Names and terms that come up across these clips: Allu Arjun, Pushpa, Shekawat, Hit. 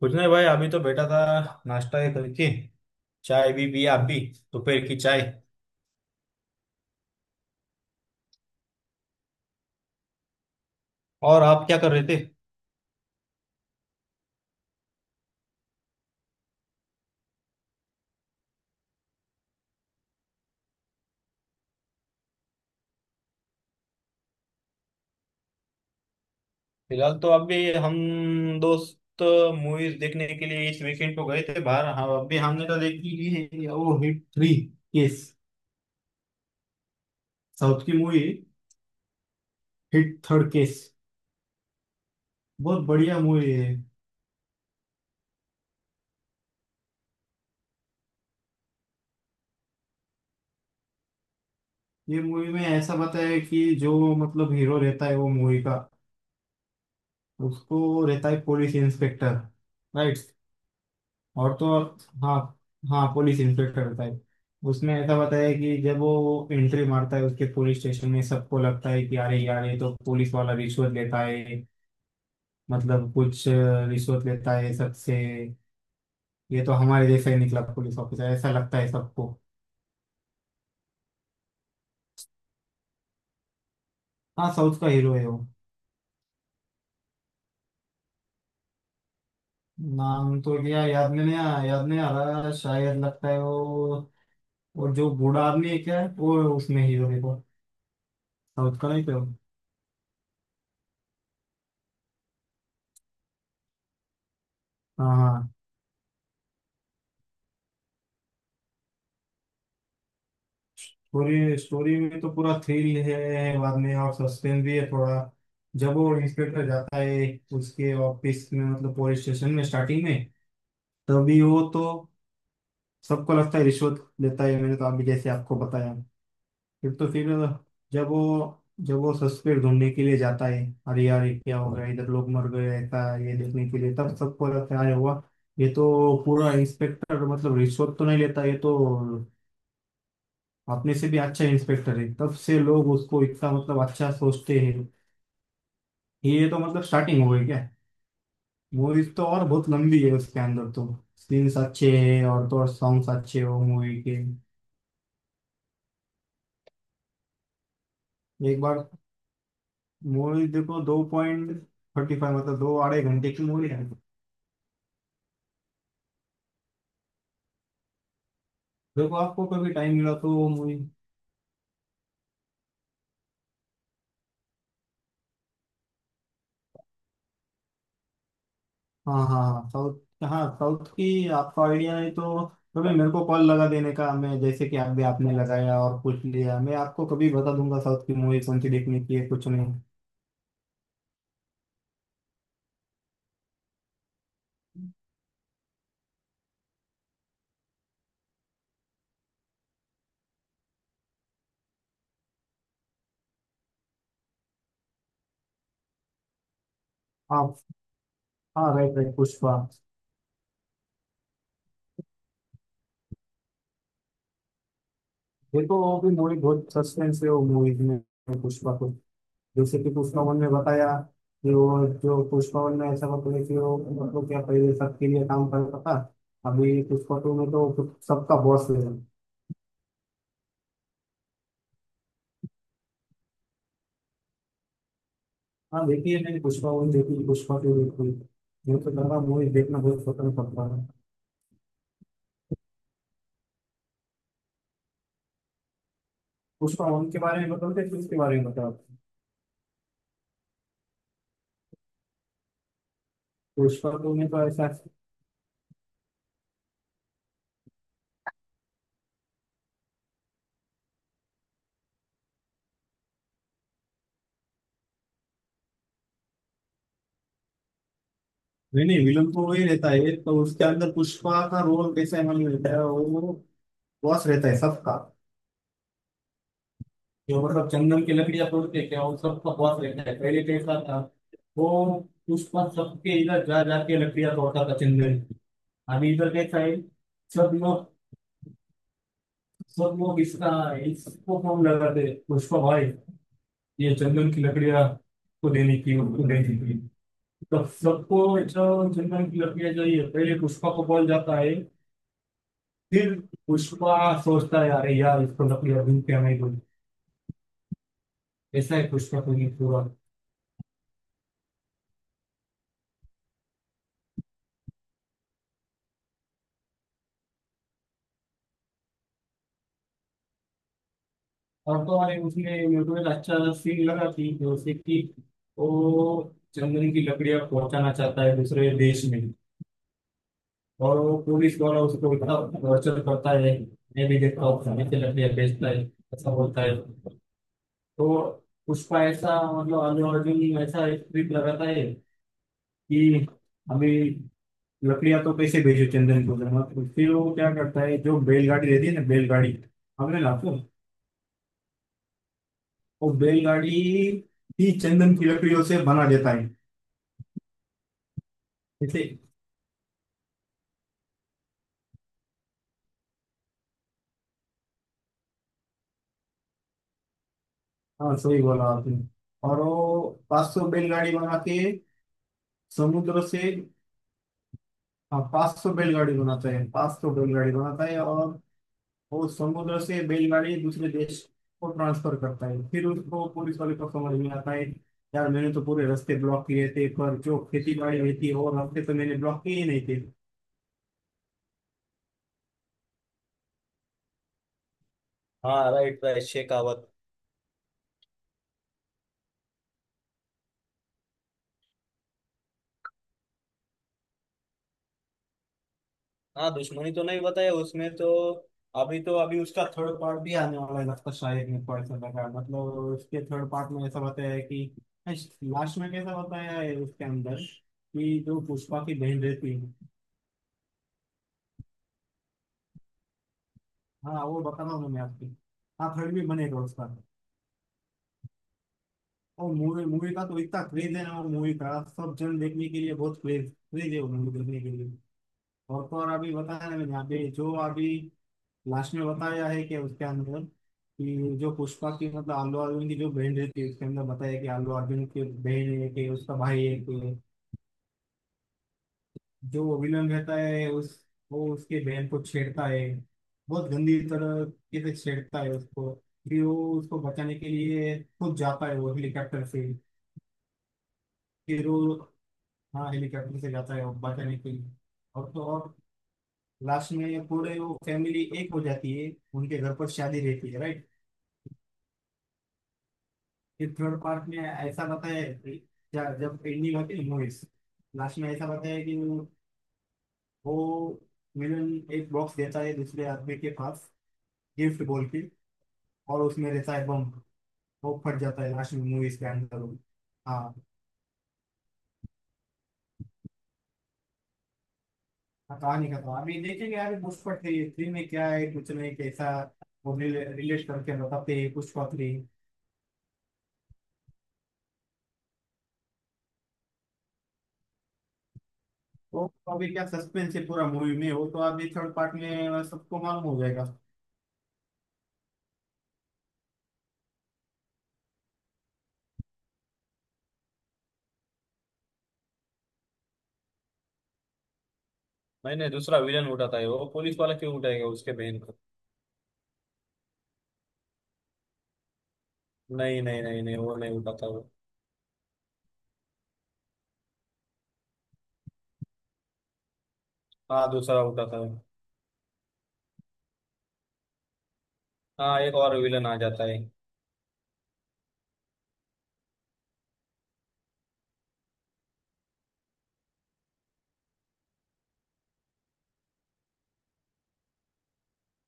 कुछ नहीं भाई, अभी तो बैठा था। नाश्ता ये करके चाय भी पिया अभी। दोपहर की चाय। और आप क्या कर रहे थे। फिलहाल तो अभी हम दोस्त मूवीज देखने के लिए इस वीकेंड को गए थे बाहर। हाँ, अभी हमने तो देखी ली है, वो हिट थ्री केस। साउथ की मूवी, हिट थर्ड केस। बहुत बढ़िया मूवी है। ये मूवी में ऐसा बताया है कि जो मतलब हीरो रहता है वो मूवी का, उसको रहता है पुलिस इंस्पेक्टर। राइट। और तो और, हाँ हाँ, पुलिस इंस्पेक्टर होता है। उसमें ऐसा बताया है कि जब वो एंट्री मारता है उसके पुलिस स्टेशन में, सबको लगता है कि अरे यार ये तो पुलिस वाला रिश्वत लेता है। मतलब कुछ रिश्वत लेता है सबसे। ये तो हमारे जैसा ही निकला पुलिस ऑफिसर, ऐसा लगता है सबको। हाँ, साउथ का हीरो है वो। नाम तो क्या याद नहीं आ रहा, शायद लगता है वो। और जो बूढ़ा आदमी है क्या वो, उसमें हीरो है वो। साउथ का नहीं तो। हाँ हाँ। पूरी स्टोरी में तो पूरा थ्रिल है, बाद में और सस्पेंस भी है थोड़ा। जब वो इंस्पेक्टर जाता है उसके ऑफिस में, मतलब पुलिस स्टेशन में, स्टार्टिंग में तभी, वो तो, सबको लगता है रिश्वत लेता है, मैंने तो अभी जैसे आपको बताया। फिर तो फिर जब वो सस्पेक्ट ढूंढने के लिए जाता है, अरे यार ये क्या हो गया, इधर लोग मर गए, ऐसा ये देखने के लिए, तब सबको लगता है, अरे हुआ, ये तो पूरा इंस्पेक्टर मतलब रिश्वत तो नहीं लेता, ये तो अपने से भी अच्छा इंस्पेक्टर है। तब से लोग उसको इतना मतलब अच्छा सोचते हैं। ये तो मतलब स्टार्टिंग हो गई क्या। मूवीज तो और बहुत लंबी है, उसके अंदर तो सीन्स अच्छे हैं, और तो और सॉन्ग्स अच्छे हो मूवी के। एक बार मूवी देखो। दो पॉइंट थर्टी फाइव, मतलब दो आधे घंटे की मूवी है। देखो आपको कभी टाइम मिला तो मूवी। हाँ हाँ हाँ, साउथ, हाँ साउथ की आपका आइडिया है तो कभी मेरे को कॉल लगा देने का। मैं जैसे कि आप भी आपने लगाया और पूछ लिया, मैं आपको कभी बता दूंगा साउथ की मूवी कौन सी देखने की है, कुछ नहीं। हाँ हाँ, राइट राइट, पुष्पा। देखो वो भी मूवी बहुत सस्पेंस है, वो मूवीज में, पुष्पा को। जैसे कि पुष्पा वन में बताया कि वो, जो पुष्पा वन में ऐसा होता है कि वो मतलब क्या पहले सबके लिए काम करता था। अभी पुष्पा टू में तो खुद सबका बॉस है। हाँ, देखिए मैंने पुष्पा वन देखी, पुष्पा टू देखी। मुझे तो लगा मूवी देखना बहुत पसंद पड़ता है। पुष्पा वन के बारे में बताओ कि, उसके बारे में बताओ। पुष्पा टू में तो ऐसा, नहीं नहीं, विलन तो वही रहता है। तो उसके अंदर पुष्पा का रोल कैसे हमें मिलता है, वो बॉस रहता है सबका। जो मतलब चंदन की लकड़ियां तोड़ते हैं क्या, वो सबका बॉस रहता है। पहले कैसा था वो, पुष्पा सबके इधर जा जाके लकड़ियां तोड़ता था चंदन की। अभी इधर कैसा है, सब लोग सब लोग इसका इसको फोन लगाते हैं, पुष्पा भाई ये चंदन की लकड़ियां को देने की, उनको देने की। तब सबको जो चंदन की लकड़ियां चाहिए, पहले पुष्पा को बोल जाता है। फिर पुष्पा सोचता है, अरे यार इसको लकड़ियां ढूंढ के हमें दो। ऐसा है पुष्पा को ये पूरा। और तो अरे, उसने यूट्यूब में अच्छा सीन लगा थी जो, उसे कि वो चंदन की लकड़ियां पहुंचाना चाहता है दूसरे देश में। और वो पुलिस द्वारा उसको इतना टॉर्चर करता है। मैं भी देखता हूँ, खाने से लकड़ियां बेचता है, ऐसा बोलता है तो। उसका ऐसा मतलब अल्लू अर्जुन ऐसा स्क्रिप्ट लगाता है कि हमें लकड़ियां तो कैसे भेजो, चंदन को धर्मा को। फिर वो क्या करता है, जो बैलगाड़ी रहती है ना बैलगाड़ी, हमने लाखों, वो बैलगाड़ी ही चंदन की लकड़ियों से बना देता है, जैसे। हाँ सही बोला आपने। और वो 500 बैलगाड़ी बना के समुद्र से, हाँ 500 बैलगाड़ी बनाता है, 500 बैलगाड़ी बनाता है, और वो समुद्र से बैलगाड़ी दूसरे देश को ट्रांसफर करता है। फिर उसको पुलिस वाले को समझ में आता है, यार मैंने तो पूरे रास्ते ब्लॉक किए थे, पर जो खेती बाड़ी रहती है, वो रास्ते तो मैंने ब्लॉक किए ही नहीं थे। हाँ राइट राइट, शेखावत। हाँ दुश्मनी तो नहीं बताया उसमें तो। अभी तो, अभी उसका थर्ड पार्ट भी आने वाला है लगता है, शायद मेरे को ऐसा लगा, मतलब उसके थर्ड पार्ट में ऐसा बताया है कि, लास्ट में कैसा बताया है उसके अंदर कि जो पुष्पा की बहन रहती है। हाँ वो बताना, मैंने आपकी, हाँ थर्ड भी बनेगा उसका। और मूवी मूवी का तो इतना क्रेज है ना, वो मूवी का सब जन देखने के लिए बहुत क्रेज क्रेज है वो मूवी देखने के लिए। और तो और अभी बताया ना मैंने, अभी जो अभी लास्ट में बताया है कि उसके अंदर कि, जो पुष्पा की मतलब आलू अर्जुन की जो बहन रहती है, उसके अंदर बताया कि आलू अर्जुन की बहन है कि उसका भाई है कि, जो वो विलन रहता है उस, वो उसके बहन को छेड़ता है, बहुत गंदी तरह के से छेड़ता है उसको। फिर वो उसको बचाने के लिए खुद जाता है वो, हेलीकॉप्टर से। फिर वो, हाँ, हेलीकॉप्टर से जाता है वो बचाने के लिए। और तो और लास्ट में पूरे वो फैमिली एक हो जाती है, उनके घर पर शादी रहती है। राइट। फिर थर्ड पार्ट में ऐसा बताया है कि, जब एंडिंग होती है मूवीज, लास्ट में ऐसा बताया है कि वो विलन एक बॉक्स देता है दूसरे आदमी के पास, गिफ्ट बोल के, और उसमें रहता है बम, वो फट जाता है लास्ट में मूवीज के अंदर वो। हाँ हाँ, कहानी का तो अभी देखेंगे यार, पुष्पा थ्री थ्री में क्या है, कुछ नहीं कैसा वो रिलेट करके बताते हैं पुष्पा थ्री। वो तो अभी क्या सस्पेंस है पूरा मूवी में, वो तो अभी थर्ड पार्ट में सबको मालूम हो जाएगा। नहीं नहीं, दूसरा विलन उठाता है, वो पुलिस वाला क्यों उठाएगा उसके बहन को। नहीं नहीं नहीं नहीं, वो नहीं उठाता वो। हाँ दूसरा उठाता है। हाँ एक और विलन आ जाता है।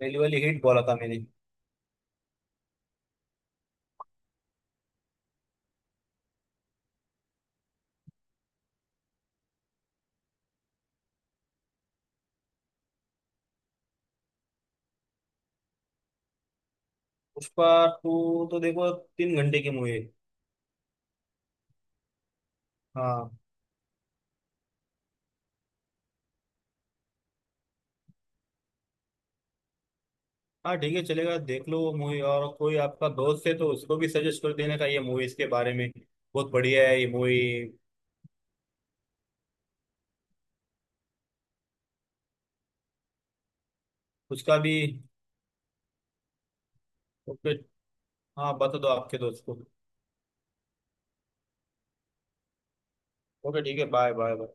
पहली वाली हिट बोला था मैंने। पुष्पा टू तो देखो, 3 घंटे की मूवी है। हाँ, हाँ ठीक है चलेगा, देख लो वो मूवी, और कोई आपका दोस्त है तो उसको भी सजेस्ट कर देने का ये मूवी, इसके बारे में बहुत बढ़िया है ये मूवी। उसका भी। ओके। हाँ बता दो आपके दोस्त को। ओके ठीक है, बाय बाय।